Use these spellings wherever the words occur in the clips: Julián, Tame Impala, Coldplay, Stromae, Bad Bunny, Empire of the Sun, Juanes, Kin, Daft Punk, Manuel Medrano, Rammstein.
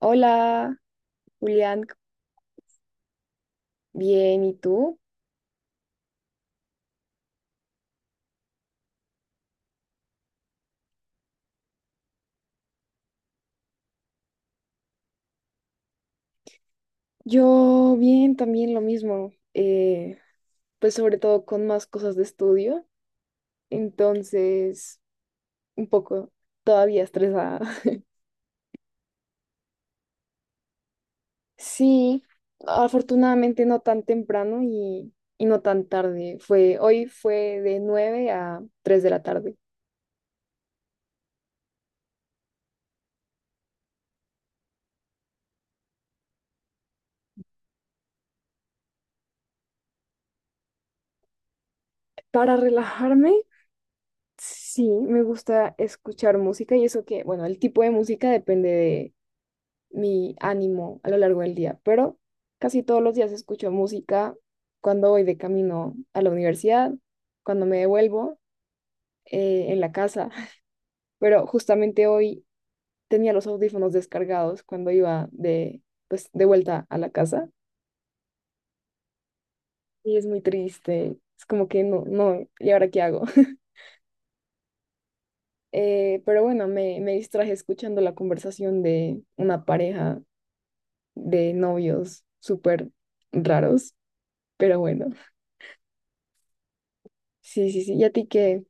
Hola, Julián, bien, ¿y tú? Yo bien, también lo mismo, pues sobre todo con más cosas de estudio, entonces un poco todavía estresada. Sí, afortunadamente no tan temprano y no tan tarde, fue, hoy fue de 9 a 3 de la tarde. Para relajarme, sí, me gusta escuchar música y eso que, bueno, el tipo de música depende mi ánimo a lo largo del día, pero casi todos los días escucho música cuando voy de camino a la universidad, cuando me devuelvo en la casa, pero justamente hoy tenía los audífonos descargados cuando iba de, pues, de vuelta a la casa y es muy triste, es como que no, no, ¿y ahora qué hago? Pero bueno, me distraje escuchando la conversación de una pareja de novios súper raros, pero bueno, sí, sí, sí, ¿y a ti qué?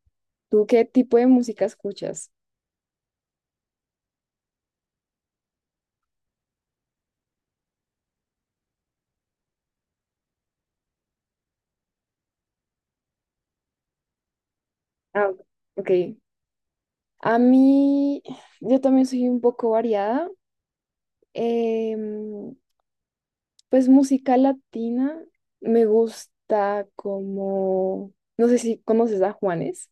¿Tú qué tipo de música escuchas? Ah, ok. A mí, yo también soy un poco variada. Em, pues música latina me gusta como, no sé si conoces a Juanes,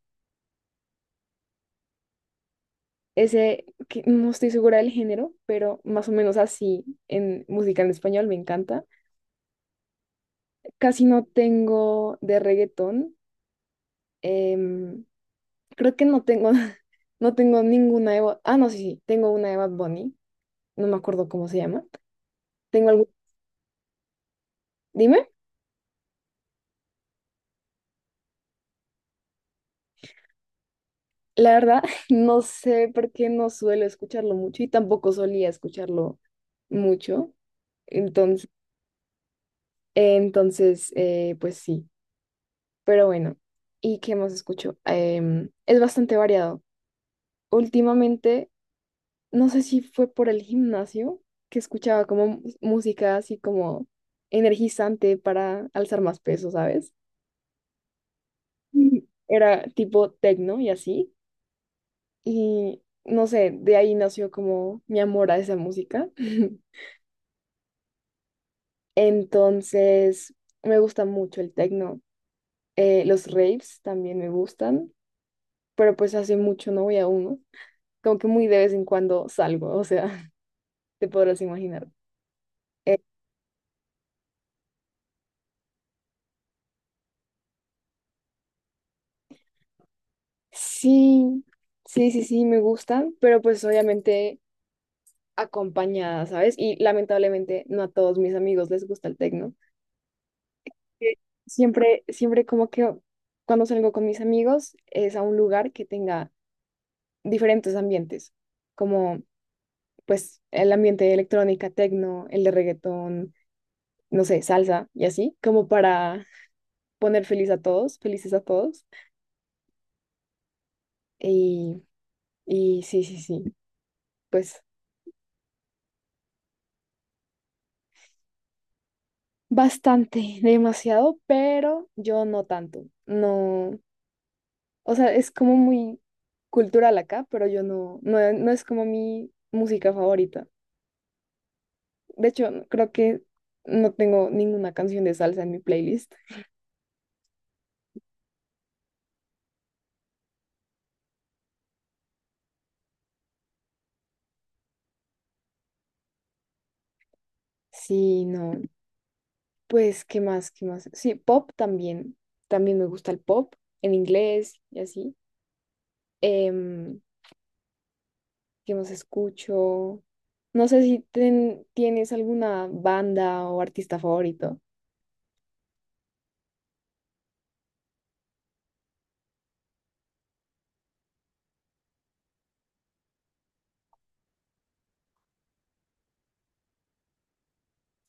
ese que no estoy segura del género, pero más o menos así en música en español me encanta. Casi no tengo de reggaetón. em, creo que no tengo, no tengo ninguna de... Ah, no, sí, sí, tengo una de Bad Bunny, no me acuerdo cómo se llama. Tengo algún... Dime, la verdad, no sé por qué no suelo escucharlo mucho y tampoco solía escucharlo mucho. Entonces, entonces pues sí, pero bueno. ¿Y qué más escucho? Es bastante variado. Últimamente, no sé si fue por el gimnasio que escuchaba como música así como energizante para alzar más peso, ¿sabes? Mm. Era tipo techno y así. Y no sé, de ahí nació como mi amor a esa música. Entonces, me gusta mucho el techno. Los raves también me gustan, pero pues hace mucho no voy a uno. Como que muy de vez en cuando salgo, o sea, te podrás imaginar. Sí, sí, sí, sí, me gustan, pero pues obviamente acompañada, ¿sabes? Y lamentablemente no a todos mis amigos les gusta el techno. Eh, Siempre, siempre como que cuando salgo con mis amigos es a un lugar que tenga diferentes ambientes, como pues el ambiente de electrónica, tecno, el de reggaetón, no sé, salsa y así, como para poner feliz a todos, felices a todos. Y, y sí, sí, sí, pues bastante, demasiado, pero yo no tanto. No, o sea, es como muy cultural acá, pero yo no, no, no es como mi música favorita. De hecho, creo que no tengo ninguna canción de salsa en mi playlist. Sí, no, pues, ¿qué más? ¿Qué más? Sí, pop también. También me gusta el pop en inglés y así. Em, ¿Qué más escucho? No sé si tienes alguna banda o artista favorito.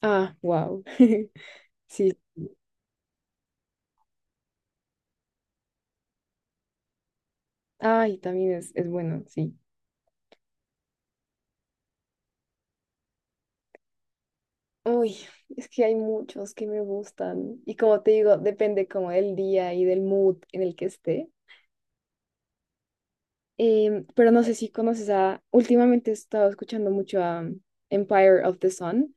Ah, wow. Sí. Ay, también es bueno, sí. Uy, es que hay muchos que me gustan y como te digo, depende como del día y del mood en el que esté. Pero no sé si conoces a, últimamente he estado escuchando mucho a Empire of the Sun.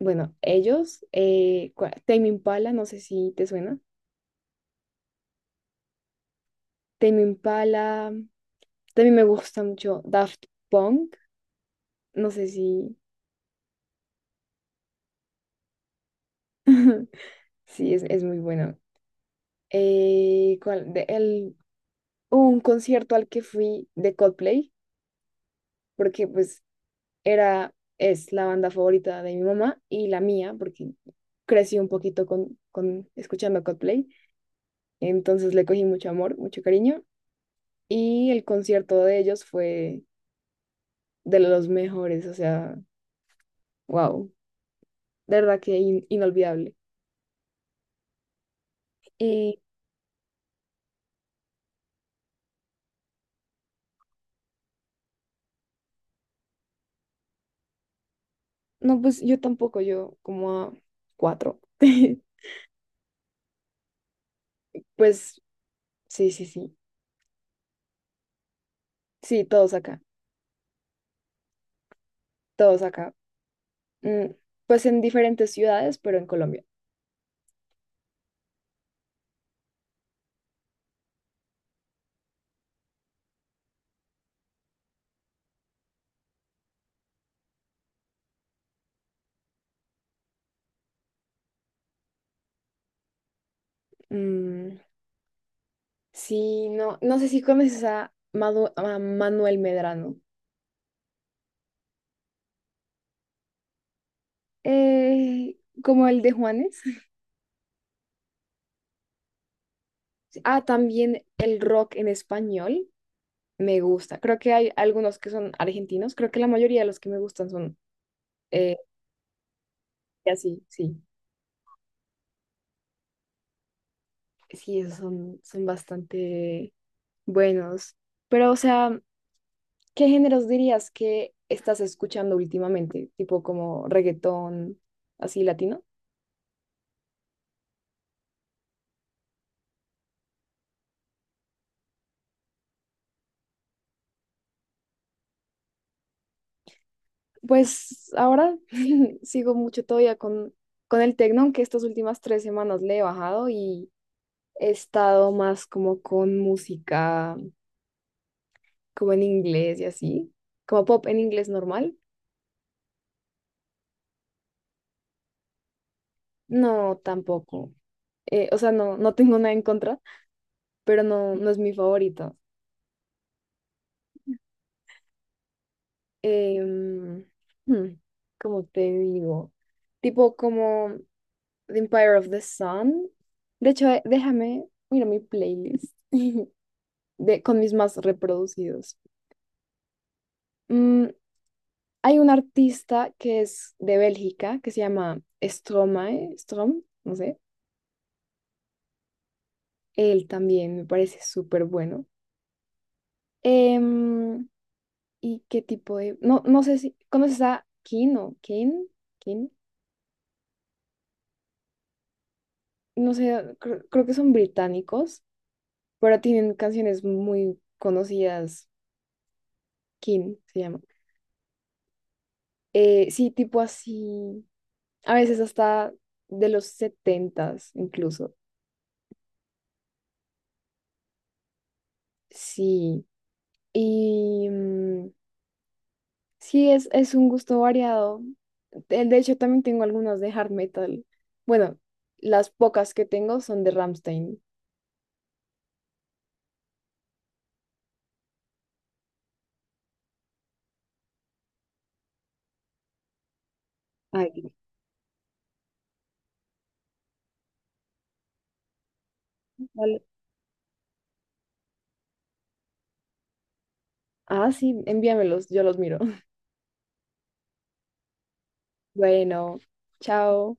Bueno, ellos, Tame Impala, no sé si te suena. Tame Impala, también me gusta mucho Daft Punk, no sé si, sí, es muy bueno. ¿Cuál? El, un concierto al que fui de Coldplay porque pues era, es la banda favorita de mi mamá y la mía, porque crecí un poquito con, escuchando Coldplay, entonces le cogí mucho amor, mucho cariño, y el concierto de ellos fue de los mejores, o sea, wow, de verdad que inolvidable. Y no, pues yo tampoco, yo como a cuatro. Pues sí, sí, sí, sí, todos acá, todos acá. Mm, pues en diferentes ciudades, pero en Colombia. Mm, sí, no, no sé si conoces a, a Manuel Medrano, eh, como el de Juanes. Ah, también el rock en español me gusta. Creo que hay algunos que son argentinos. Creo que la mayoría de los que me gustan son eh, así, sí. Sí, esos son, son bastante buenos. Pero, o sea, ¿qué géneros dirías que estás escuchando últimamente? Tipo como reggaetón, así latino. Pues ahora sigo mucho todavía con el tecno, aunque estas últimas 3 semanas le he bajado y he estado más como con música, como en inglés y así, como pop en inglés normal. No, tampoco. O sea, no, no tengo nada en contra, pero no, no es mi favorito. Em, hmm, ¿cómo te digo? Tipo como The Empire of the Sun. De hecho, déjame, mira mi playlist. de, con mis más reproducidos. Mm, hay un artista que es de Bélgica, que se llama Stromae, Strom, no sé. Él también me parece súper bueno. Em, ¿Y qué tipo de...? No, no sé si... ¿Conoces a Kin o Kin? ¿Kin? No sé, creo que son británicos, pero tienen canciones muy conocidas. Kin se llama. Sí, tipo así, a veces hasta de los 70 incluso. Sí, y mm, sí, es un gusto variado. De hecho, también tengo algunas de hard metal. Bueno, las pocas que tengo son de Rammstein. Ay, qué- Vale. Ah, sí, envíamelos, yo los miro. Bueno, chao.